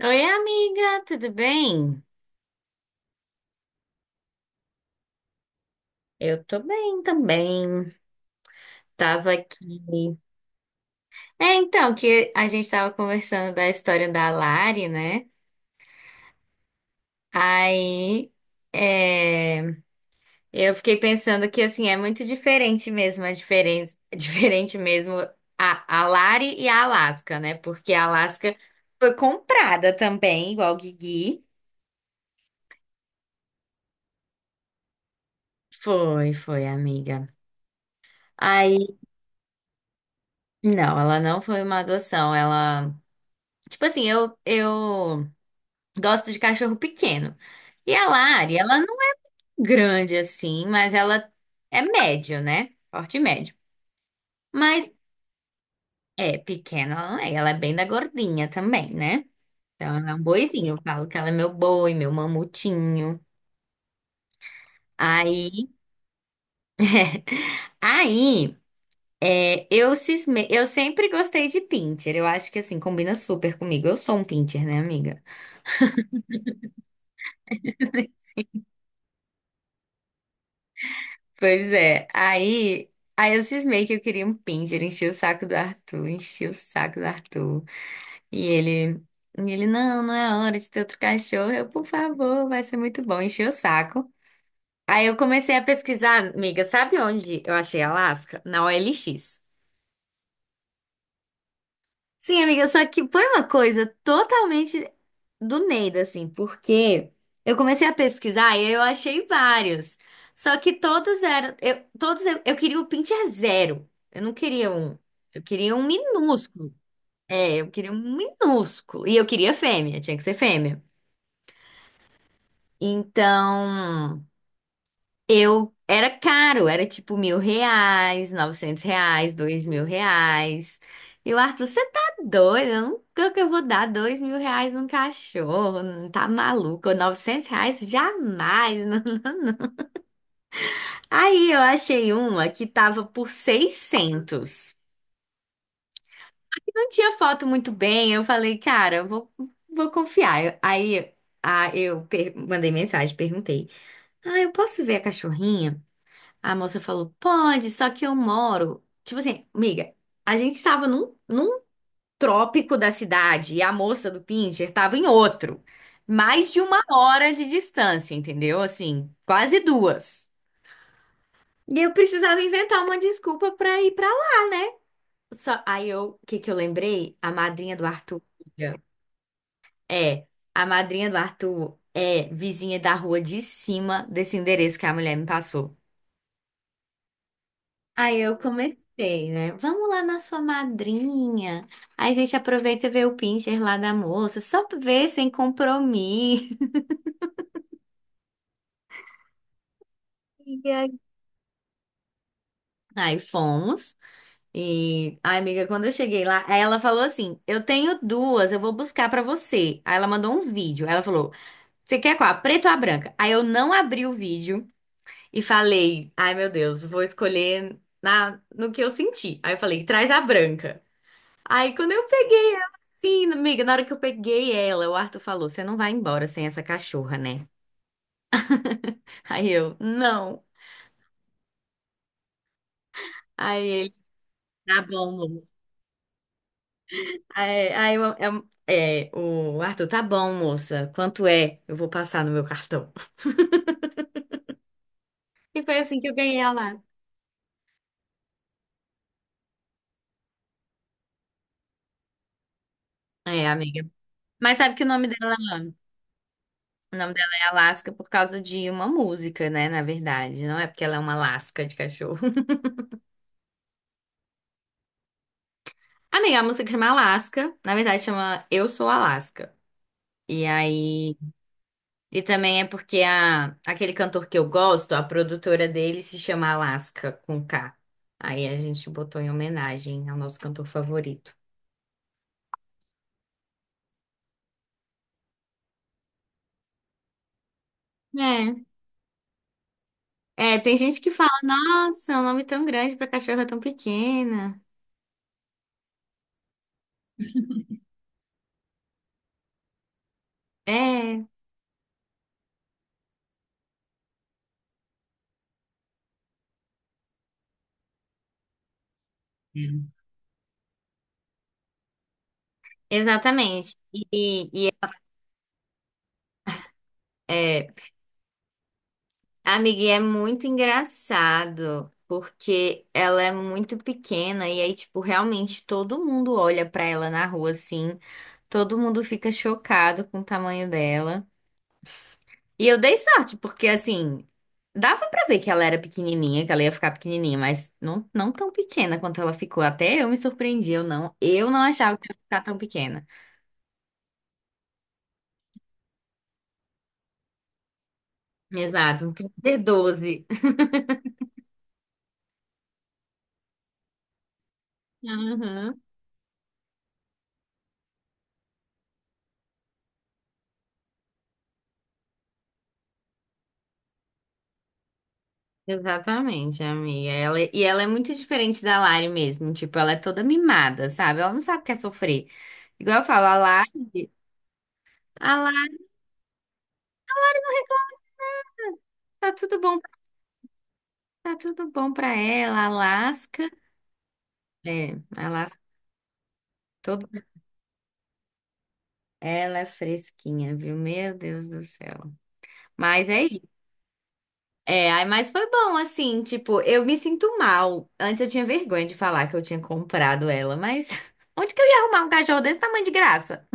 Oi, amiga, tudo bem? Eu tô bem também. Tava aqui. É, então, que a gente tava conversando da história da Lari, né? Aí, é, eu fiquei pensando que, assim, é muito diferente mesmo, a diferença, diferente mesmo a Lari e a Alaska, né? Porque a Alaska foi comprada também, igual o Gigi. Foi, foi, amiga. Aí, não, ela não foi uma adoção, ela. Tipo assim, eu gosto de cachorro pequeno. E a Lari, ela não é grande assim, mas ela é médio, né? Porte médio. Mas é pequena, ela não é. Ela é bem da gordinha também, né? Então ela é um boizinho. Eu falo que ela é meu boi, meu mamutinho. Aí, aí eu sempre gostei de pinter. Eu acho que assim, combina super comigo. Eu sou um pinter, né, amiga? Pois é. Aí, aí eu cismei que eu queria um Pinscher, enchi o saco do Arthur, enchi o saco do Arthur. E ele, e ele, não, não é hora de ter outro cachorro. Eu, por favor, vai ser muito bom. Enchi o saco. Aí eu comecei a pesquisar, amiga, sabe onde eu achei Alasca? Na OLX. Sim, amiga, só que foi uma coisa totalmente do Neida, assim, porque eu comecei a pesquisar e eu achei vários. Só que todos eram. Eu queria o pincher zero. Eu não queria um. Eu queria um minúsculo. É, eu queria um minúsculo. E eu queria fêmea, tinha que ser fêmea. Então. Eu era caro, era tipo R$ 1.000, R$ 900, R$ 2.000. E o Arthur, você tá doido? Eu nunca que eu vou dar R$ 2.000 num cachorro, não tá maluco? R$ 900? Jamais. Não. Aí eu achei uma que tava por 600. Não tinha foto muito bem, eu falei, cara, eu vou confiar. Aí mandei mensagem, perguntei, ah, eu posso ver a cachorrinha? A moça falou, pode, só que eu moro. Tipo assim, miga, a gente tava num trópico da cidade e a moça do Pincher tava em outro. Mais de uma hora de distância, entendeu? Assim, quase duas. E eu precisava inventar uma desculpa pra ir pra lá, né? Só, aí eu, o que que eu lembrei? A madrinha do Arthur. Miga, é, a madrinha do Arthur é vizinha da rua de cima desse endereço que a mulher me passou. Aí eu comecei, né? Vamos lá na sua madrinha. Aí a gente aproveita e vê o pincher lá da moça, só pra ver sem compromisso. E aí? Aí fomos. E a amiga, quando eu cheguei lá, aí ela falou assim: Eu tenho duas, eu vou buscar pra você. Aí ela mandou um vídeo. Aí ela falou: Você quer qual? A preta ou a branca? Aí eu não abri o vídeo e falei: Ai meu Deus, vou escolher na, no que eu senti. Aí eu falei: Traz a branca. Aí quando eu peguei ela, sim, amiga, na hora que eu peguei ela, o Arthur falou: Você não vai embora sem essa cachorra, né? Aí eu, não. Aí ele, tá bom, moça. Aí, o Arthur, tá bom, moça. Quanto é? Eu vou passar no meu cartão. E foi assim que eu ganhei a Alaska. É, amiga. Mas sabe que o nome dela é Alaska por causa de uma música, né? Na verdade, não é porque ela é uma Alaska de cachorro. Amiga, a música chama Alaska, na verdade chama Eu Sou Alaska. E aí. E também é porque a, aquele cantor que eu gosto, a produtora dele se chama Alaska com K. Aí a gente botou em homenagem ao nosso cantor favorito. É, é, tem gente que fala, nossa, é um nome tão grande pra cachorra tão pequena. É, exatamente. E é, amiga, e é muito engraçado porque ela é muito pequena e aí, tipo, realmente todo mundo olha pra ela na rua assim. Todo mundo fica chocado com o tamanho dela. E eu dei sorte, porque assim, dava pra ver que ela era pequenininha, que ela ia ficar pequenininha, mas não, não tão pequena quanto ela ficou. Até eu me surpreendi, eu não achava que ela ia ficar tão pequena. Exato, um D12. Uhum. Exatamente, amiga. Ela, e ela é muito diferente da Lari mesmo. Tipo, ela é toda mimada, sabe? Ela não sabe o que é sofrer. Igual eu falo, a Lari tá tudo bom, tá tudo bom pra ela, a Alaska. É, ela, todo... ela é fresquinha, viu? Meu Deus do céu. Mas é isso. É, aí, mas foi bom, assim, tipo, eu me sinto mal. Antes eu tinha vergonha de falar que eu tinha comprado ela, mas onde que eu ia arrumar um cachorro desse tamanho de graça?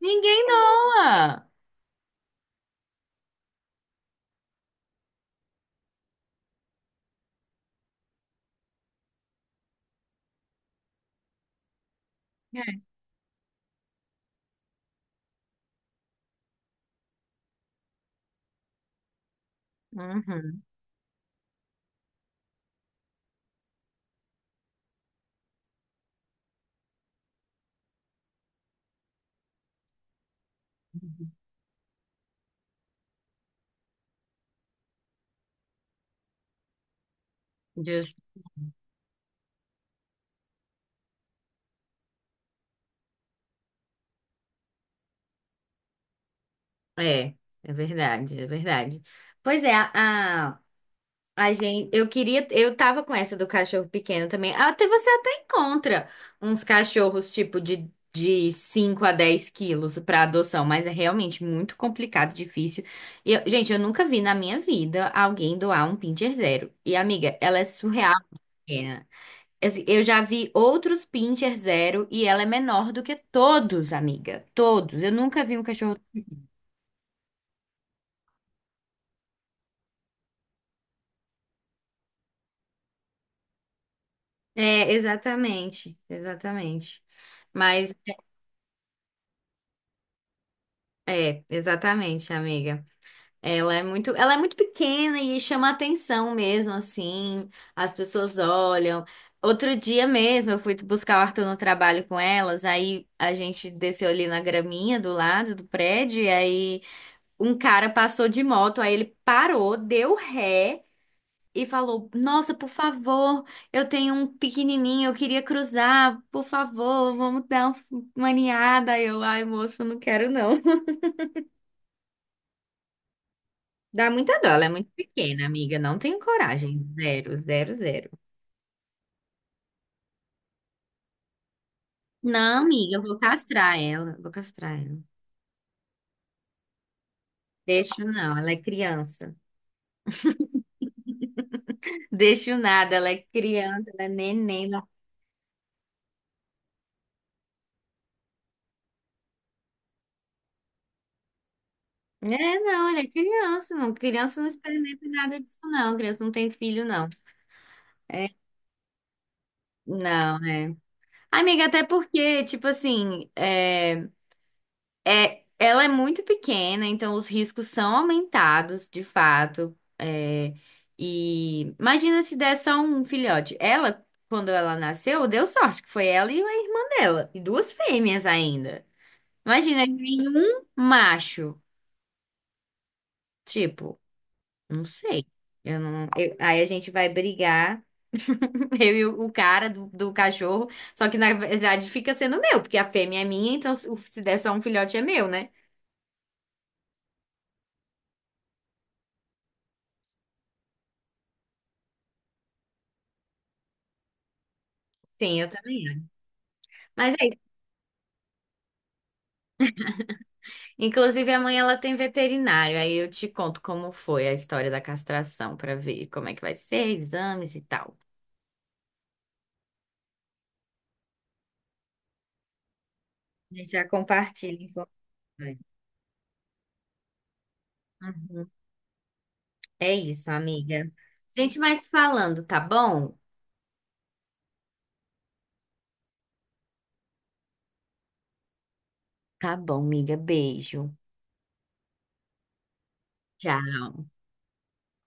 Ninguém doa! É. Uhum, justo. É, é verdade, é verdade. Pois é, a gente, eu queria, eu tava com essa do cachorro pequeno também. Até você até encontra uns cachorros tipo de 5 a 10 quilos pra adoção, mas é realmente muito complicado, difícil. Gente, eu nunca vi na minha vida alguém doar um pincher zero. E amiga, ela é surreal, pequena. Assim, eu já vi outros pincher zero e ela é menor do que todos, amiga. Todos. Eu nunca vi um cachorro. É, exatamente, exatamente. Mas é, exatamente, amiga. Ela é muito pequena e chama atenção mesmo, assim. As pessoas olham. Outro dia mesmo, eu fui buscar o Arthur no trabalho com elas, aí a gente desceu ali na graminha do lado do prédio, e aí um cara passou de moto, aí ele parou, deu ré e falou: Nossa, por favor, eu tenho um pequenininho, eu queria cruzar, por favor, vamos dar uma aninhada. Aí eu, ai, moço, não quero não. Dá muita dó, ela é muito pequena, amiga. Não tenho coragem. Zero, zero, zero. Não, amiga, eu vou castrar ela. Vou castrar ela. Deixo não, ela é criança. Deixo nada, ela é criança, ela é neném. É, não, ela é criança, não. Criança não experimenta nada disso, não. Criança não tem filho, não. É, não, é. Amiga, até porque, tipo assim, é. É, ela é muito pequena, então os riscos são aumentados, de fato. É, e imagina se der só um filhote. Ela, quando ela nasceu, deu sorte, que foi ela e a irmã dela, e duas fêmeas ainda. Imagina, nenhum macho. Tipo, não sei. Eu não, aí a gente vai brigar, eu e o cara do cachorro, só que na verdade fica sendo meu, porque a fêmea é minha, então se der só um filhote é meu, né? Sim, eu também acho. Mas é, inclusive, amanhã ela tem veterinário, aí eu te conto como foi a história da castração para ver como é que vai ser, exames e tal. A gente já compartilha informações. Uhum. É isso, amiga. Gente, mais falando, tá bom? Tá bom, amiga. Beijo. Tchau.